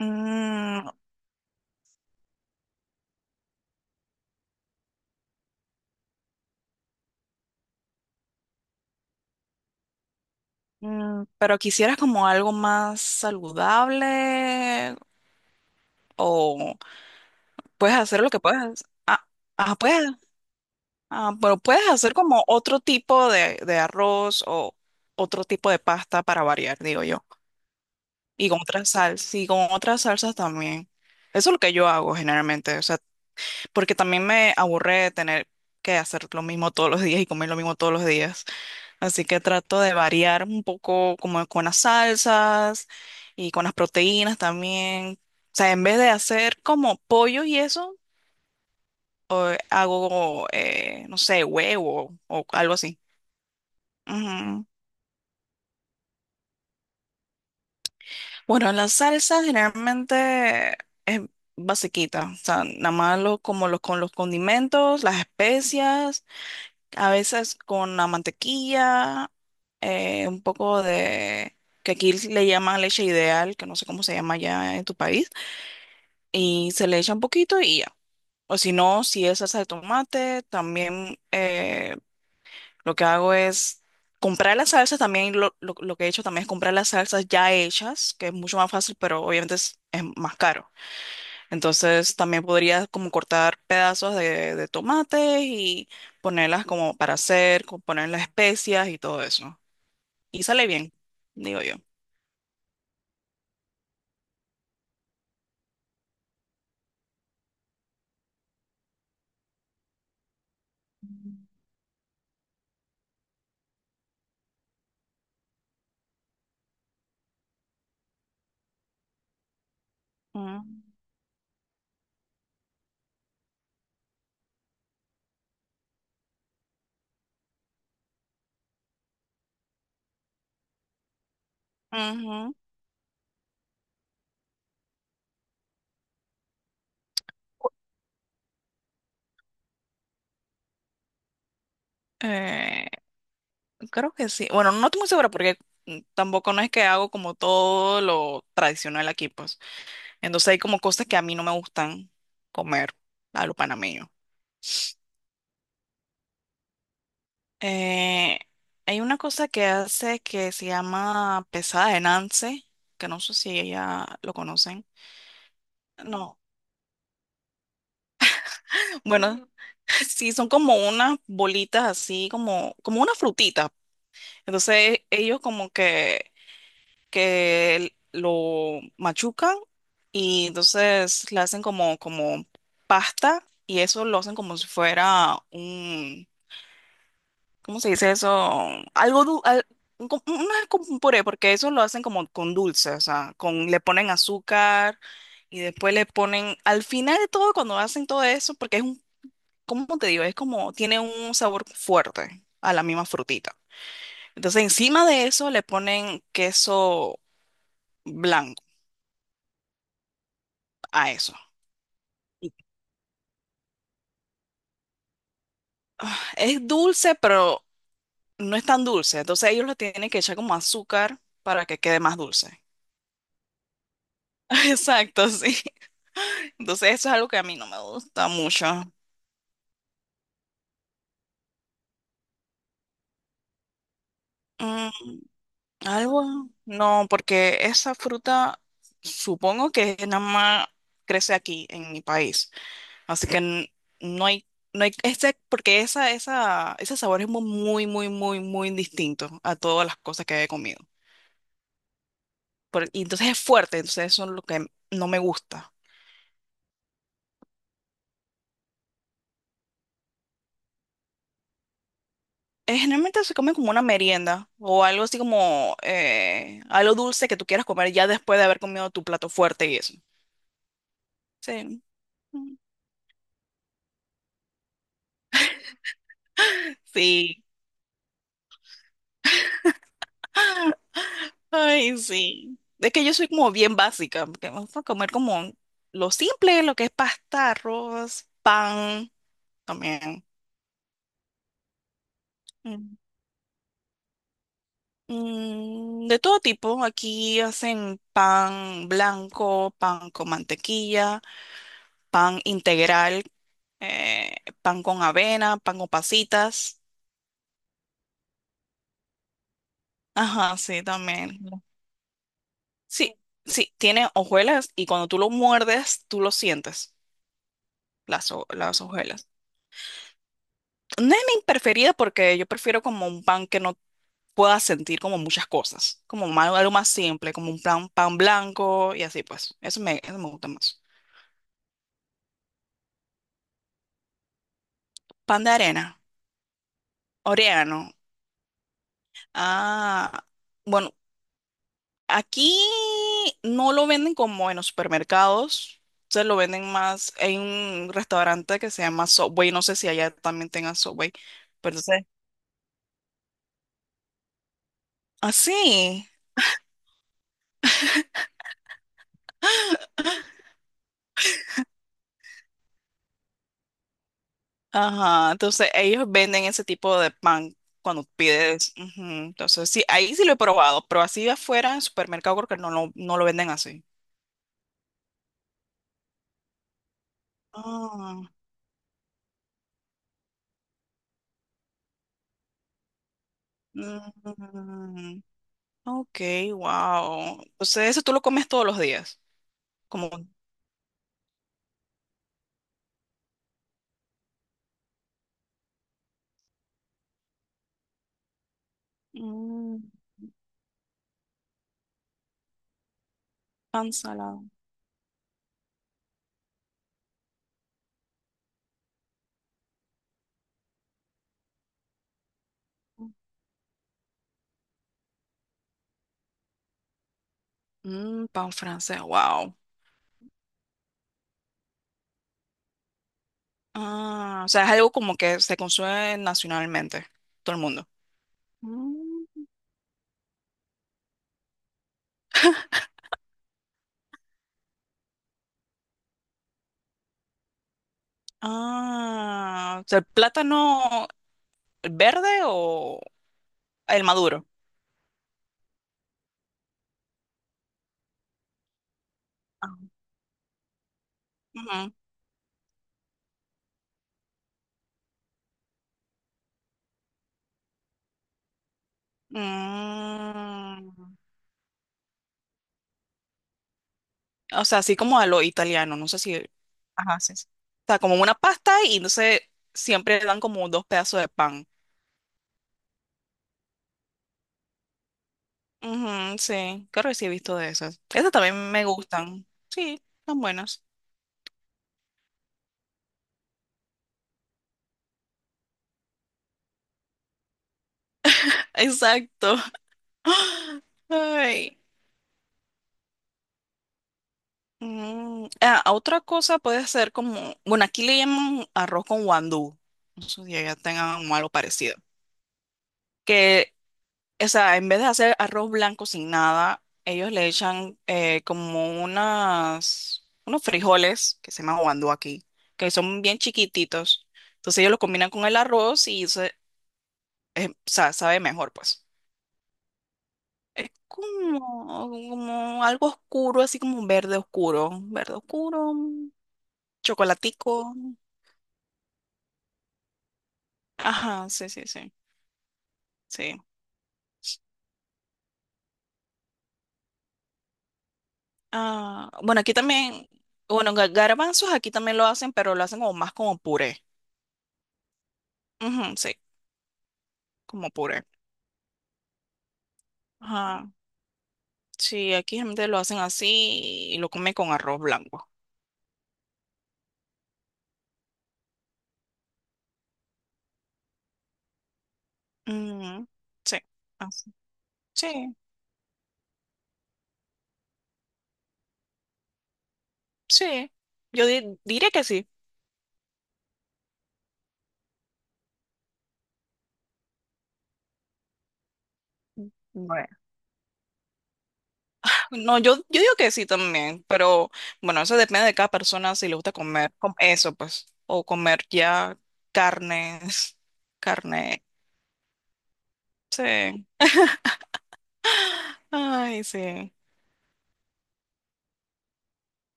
Mm, pero quisieras como algo más saludable o puedes hacer lo que puedes. Ah, ah, puedes. Ah, pero puedes hacer como otro tipo de arroz o otro tipo de pasta para variar, digo yo. Y con otras salsas, y con otras salsas también. Eso es lo que yo hago generalmente. O sea, porque también me aburre tener que hacer lo mismo todos los días y comer lo mismo todos los días. Así que trato de variar un poco como con las salsas y con las proteínas también. O sea, en vez de hacer como pollo y eso, hago, no sé, huevo o algo así. Ujú. Bueno, la salsa generalmente es basiquita. O sea, nada más lo- como los, con los condimentos, las especias. A veces con la mantequilla, un poco de, que aquí le llaman leche ideal, que no sé cómo se llama allá en tu país, y se le echa un poquito y ya. O si no, si es salsa de tomate, también, lo que hago es comprar las salsas, también lo que he hecho también es comprar las salsas ya hechas, que es mucho más fácil, pero obviamente es más caro. Entonces también podrías como cortar pedazos de tomates y ponerlas como para hacer, poner las especias y todo eso. Y sale bien, digo yo. Mm, ujú. Eh, creo que sí. Bueno, no estoy muy segura porque tampoco no es que hago como todo lo tradicional aquí, pues. Entonces hay como cosas que a mí no me gustan comer a lo panameño. Eh, hay una cosa que hace que se llama pesada de Nance, que no sé si ella lo conocen. No. Bueno, sí, son como unas bolitas así, como, como una frutita. Entonces ellos como que, que lo machucan y entonces le hacen como, como pasta y eso lo hacen como si fuera, ¿cómo se dice eso? Algo dul- al- un co- no es como un puré, porque eso lo hacen como con dulce, o sea, con, le ponen azúcar y después le ponen, al final de todo, cuando hacen todo eso, porque es un, ¿cómo te digo? Es como, tiene un sabor fuerte a la misma frutita. Entonces, encima de eso le ponen queso blanco a eso. Y, Es dulce, pero no es tan dulce. Entonces, ellos lo tienen que echar como azúcar para que quede más dulce. Exacto, sí. Entonces, eso es algo que a mí no me gusta mucho. Mm, no, porque esa fruta supongo que nada más crece aquí en mi país. Así que no hay, no hay, porque ese sabor es muy, muy, muy, muy distinto a todas las cosas que he comido. Y entonces es fuerte, entonces eso es lo que no me gusta. Generalmente se come como una merienda o algo así como, algo dulce que tú quieras comer ya después de haber comido tu plato fuerte y eso. Sí. Sí, ay, sí. Es que yo soy como bien básica, porque vamos a comer como lo simple, lo que es pasta, arroz, pan, también. Mm. De todo tipo, aquí hacen pan blanco, pan con mantequilla, pan integral, eh, pan con avena, pan con pasitas. Ajá, sí, también. Sí, sí, tiene hojuelas y cuando tú lo muerdes, tú lo sientes, las, las hojuelas. No es mi preferida porque yo prefiero como un pan que no pueda sentir como muchas cosas, algo más simple, como un pan, pan blanco y así pues. Eso me gusta más. Pan de arena, orégano. Ah, bueno, aquí no lo venden como en los supermercados, se lo venden más en un restaurante que se llama Subway, no sé si allá también tengan Subway, pero entonces, así. Ajá, entonces ellos venden ese tipo de pan cuando pides. Ujú, entonces, sí, ahí sí lo he probado, pero así afuera en supermercado creo que no no lo venden así. Ah, mm, ok, wow. Entonces, eso tú lo comes todos los días, como mm, pan salado. Mm, pan francés, wow. Ah, o sea, es algo como que se consume nacionalmente, todo el mundo. Mm, ah, o sea, el plátano. El ¿verde o el maduro? Ah. Ujú. Mm, o sea, así como a lo italiano, no sé si... Ajá, sí, sí. O sea, como una pasta y entonces siempre le dan como dos pedazos de pan. Ujú, sí, creo que sí he visto de esas. Esas también me gustan. Sí, son buenas. Exacto. Ay. Otra cosa puede ser como, bueno, aquí le llaman arroz con guandú. No sé si allá tengan algo parecido. Que, o sea, en vez de hacer arroz blanco sin nada, ellos le echan, como unas, unos frijoles que se llaman guandú aquí, que son bien chiquititos. Entonces ellos lo combinan con el arroz y se, o sea, sabe mejor, pues. Es como, como algo oscuro, así como verde oscuro, chocolatico. Ajá, sí, sí, sí, sí. Ah, bueno, aquí también, bueno, garbanzos aquí también lo hacen, pero lo hacen como más como puré. Ujú, sí. Como puré. Ajá. Sí, aquí gente lo hacen así y lo come con arroz blanco. Ujú, sí, así. Sí, sí. Yo diría que sí. Bueno. No, yo digo que sí también, pero bueno, eso depende de cada persona si le gusta comer eso, pues, o comer ya carnes, carne. Sí. Ay, sí.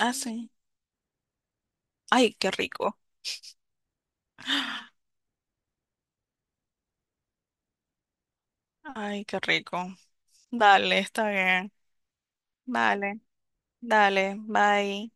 Ah, sí. Ay, qué rico. Ay, qué rico. Dale, está bien. Vale, dale, bye.